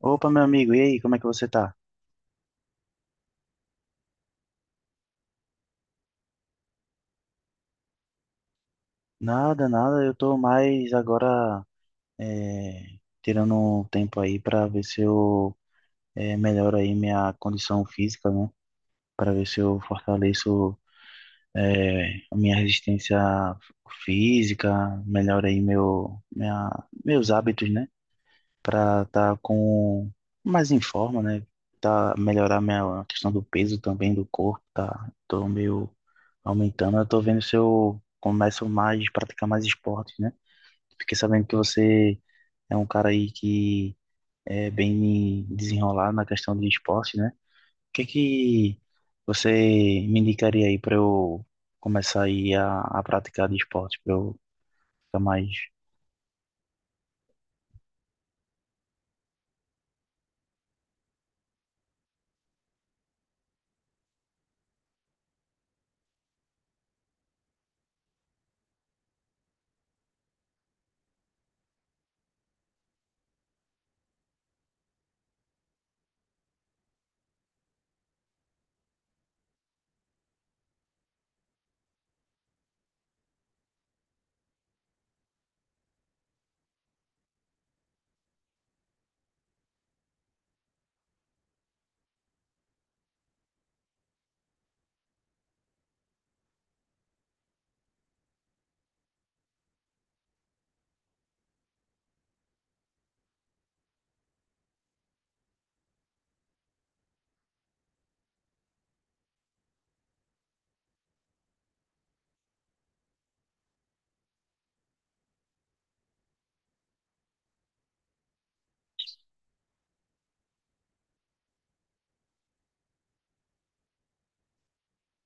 Opa, meu amigo, e aí, como é que você tá? Nada, nada, Eu tô mais agora é, tirando um tempo aí pra ver se eu melhoro aí minha condição física, né? Para ver se eu fortaleço a minha resistência física, melhoro aí meus hábitos, né? Para estar com mais em forma, né? Tá, melhorar minha a questão do peso também do corpo, tá? Tô meio aumentando. Eu tô vendo se eu começo mais, praticar mais esportes, né? Fiquei sabendo que você é um cara aí que é bem desenrolado na questão de esporte, né? O que que você me indicaria aí para eu começar aí a praticar de esporte, para eu ficar mais.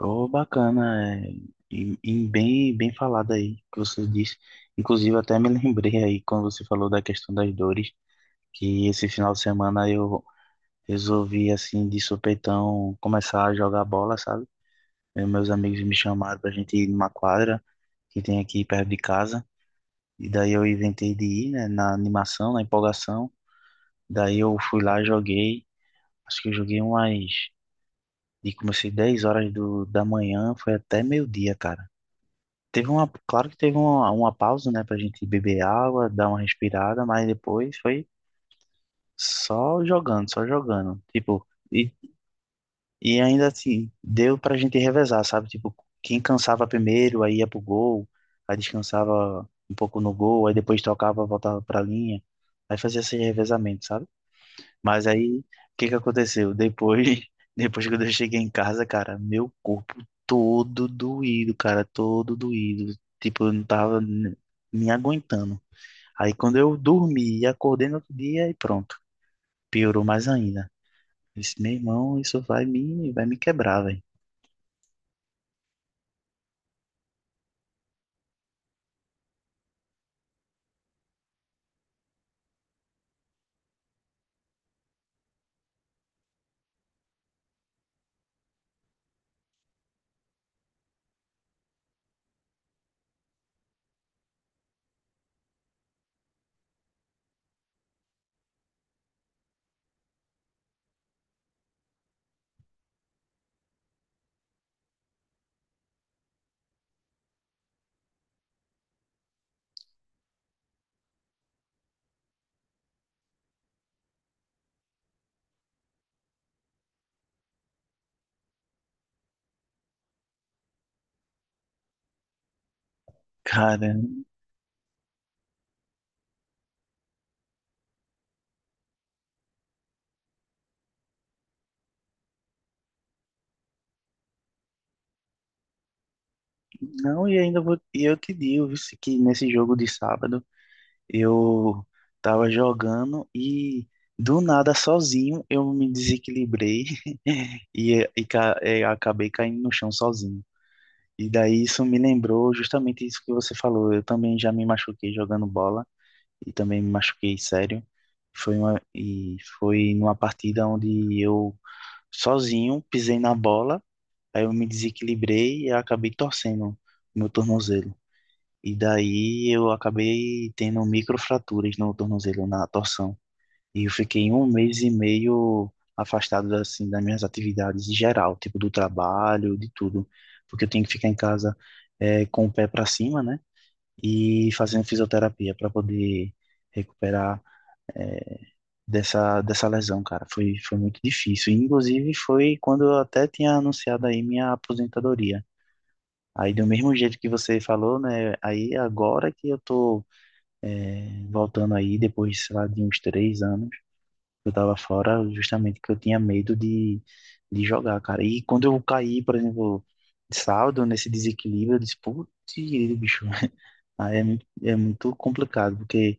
Oh, bacana, é, e bem, bem falado aí que você disse. Inclusive, até me lembrei aí quando você falou da questão das dores, que esse final de semana eu resolvi, assim, de supetão, começar a jogar bola, sabe? E meus amigos me chamaram pra gente ir numa quadra que tem aqui perto de casa, e daí eu inventei de ir, né, na animação, na empolgação. Daí eu fui lá, joguei, acho que eu joguei umas, e comecei 10 horas do, da manhã, foi até meio-dia, cara. Teve uma, claro que teve uma pausa, né, pra gente beber água, dar uma respirada, mas depois foi só jogando, só jogando. Tipo, e, e ainda assim, deu pra gente revezar, sabe? Tipo, quem cansava primeiro, aí ia pro gol, aí descansava um pouco no gol, aí depois tocava, voltava pra linha, aí fazia esse revezamento, sabe? Mas aí, o que que aconteceu? Depois, depois que eu cheguei em casa, cara, meu corpo todo doído, cara, todo doído. Tipo, eu não tava me aguentando. Aí quando eu dormi e acordei no outro dia, e pronto, piorou mais ainda. Eu disse, meu irmão, vai me quebrar, velho. Cara, não, e ainda vou, e eu te digo, viu, que nesse jogo de sábado. Eu tava jogando e do nada sozinho eu me desequilibrei e acabei caindo no chão sozinho. E daí isso me lembrou justamente isso que você falou. Eu também já me machuquei jogando bola e também me machuquei sério. E foi numa partida onde eu sozinho pisei na bola, aí eu me desequilibrei e acabei torcendo meu tornozelo. E daí eu acabei tendo microfraturas no tornozelo, na torção. E eu fiquei 1 mês e meio afastado assim das minhas atividades em geral, tipo do trabalho, de tudo, porque eu tenho que ficar em casa com o pé para cima, né? E fazendo fisioterapia para poder recuperar eh, dessa lesão, cara. Foi muito difícil. E, inclusive foi quando eu até tinha anunciado aí minha aposentadoria. Aí do mesmo jeito que você falou, né? Aí agora que eu tô é, voltando aí, depois, sei lá, de uns 3 anos, eu tava fora justamente que eu tinha medo de jogar, cara. E quando eu caí, por exemplo, de saldo, nesse desequilíbrio, eu disse, putz, bicho, aí é muito complicado, porque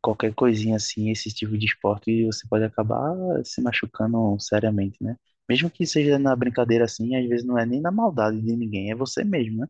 qualquer coisinha assim, esse tipo de esporte, você pode acabar se machucando seriamente, né? Mesmo que seja na brincadeira assim, às vezes não é nem na maldade de ninguém, é você mesmo, né?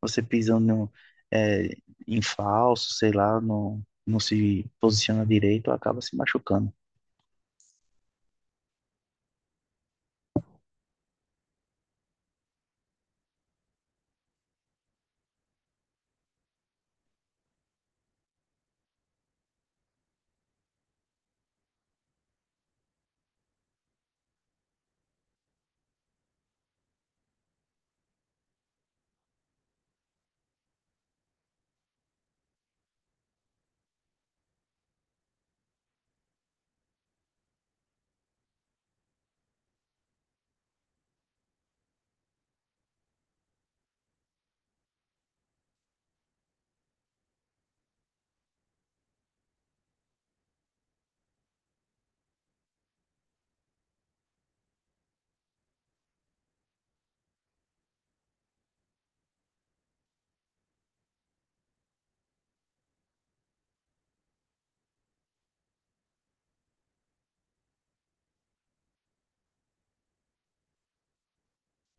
Você pisando no, é, em falso, sei lá, não se posiciona direito, acaba se machucando.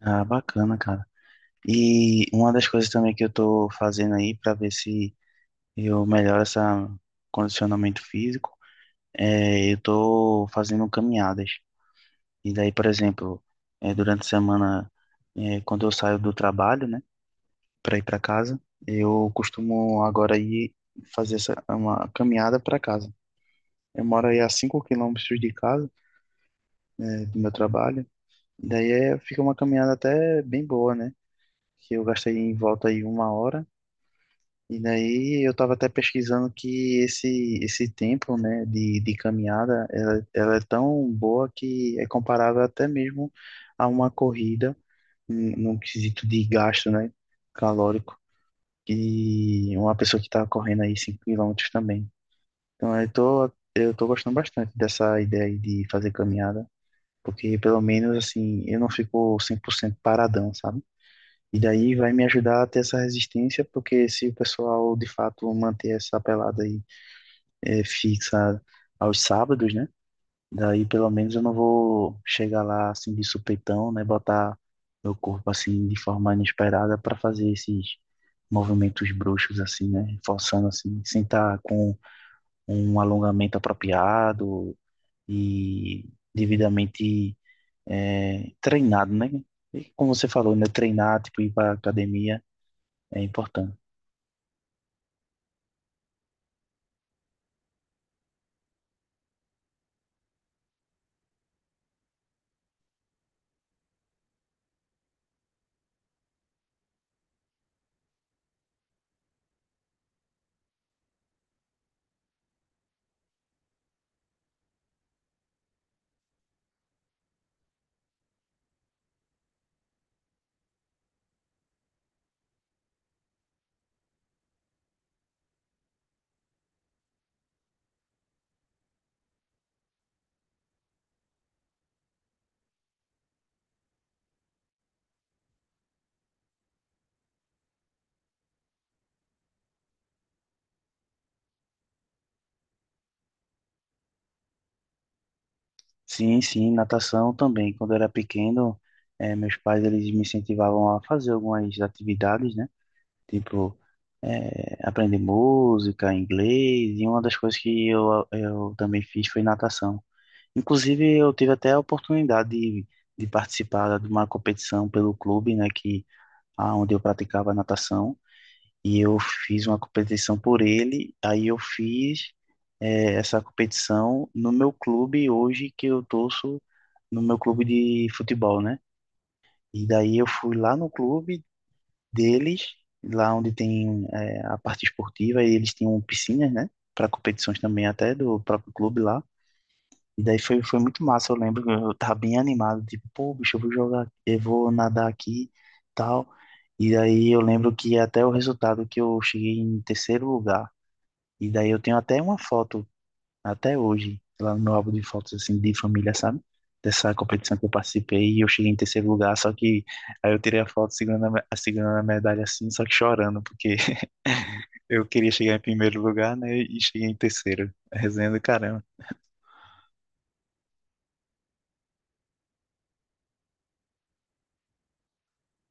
Ah, bacana, cara. E uma das coisas também que eu tô fazendo aí para ver se eu melhoro esse condicionamento físico, eu tô fazendo caminhadas. E daí, por exemplo, durante a semana, quando eu saio do trabalho, né, para ir para casa, eu costumo agora ir fazer essa, uma caminhada para casa. Eu moro aí a 5 quilômetros de casa, né, do meu trabalho. Daí é, fica uma caminhada até bem boa, né? Que eu gastei em volta aí 1 hora. E daí eu estava até pesquisando que esse tempo, né, de caminhada, ela é tão boa que é comparável até mesmo a uma corrida, num quesito de gasto, né, calórico, que uma pessoa que está correndo aí 5 quilômetros também. Então eu tô gostando bastante dessa ideia aí de fazer caminhada. Porque pelo menos assim eu não fico 100% paradão, sabe? E daí vai me ajudar a ter essa resistência, porque se o pessoal de fato manter essa pelada aí fixa aos sábados, né? Daí pelo menos eu não vou chegar lá assim de supetão, né? Botar meu corpo assim de forma inesperada para fazer esses movimentos bruxos assim, né? Forçando assim, sem estar com um alongamento apropriado e devidamente treinado, né? E como você falou, né? Treinar, tipo, ir para academia é importante. Sim, sim, natação também. Quando eu era pequeno, meus pais eles me incentivavam a fazer algumas atividades, né? Tipo, aprender música, inglês. E uma das coisas que eu também fiz foi natação. Inclusive, eu tive até a oportunidade de participar de uma competição pelo clube, né? Que, ah, onde eu praticava natação. E eu fiz uma competição por ele, aí eu fiz essa competição no meu clube hoje que eu torço, no meu clube de futebol, né? E daí eu fui lá no clube deles, lá onde tem a parte esportiva, e eles tinham piscinas, né? Para competições também até do próprio clube lá. E daí foi muito massa, eu lembro que eu tava bem animado, tipo, pô, bicho, eu vou jogar, eu vou nadar aqui, tal. E daí eu lembro que até o resultado que eu cheguei em terceiro lugar, e daí eu tenho até uma foto, até hoje, lá no meu álbum de fotos, assim, de família, sabe? Dessa competição que eu participei e eu cheguei em terceiro lugar, só que aí eu tirei a foto segurando segurando a medalha assim, só que chorando, porque eu queria chegar em primeiro lugar, né? E cheguei em terceiro. Resenha do caramba.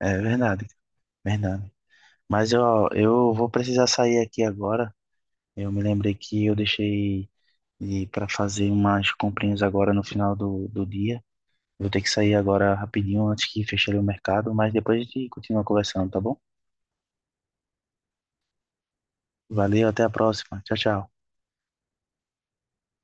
É verdade, verdade. Mas ó, eu vou precisar sair aqui agora. Eu me lembrei que eu deixei para fazer umas comprinhas agora no final do, do dia. Vou ter que sair agora rapidinho antes que feche ali o mercado, mas depois a gente continua conversando, tá bom? Valeu, até a próxima. Tchau, tchau.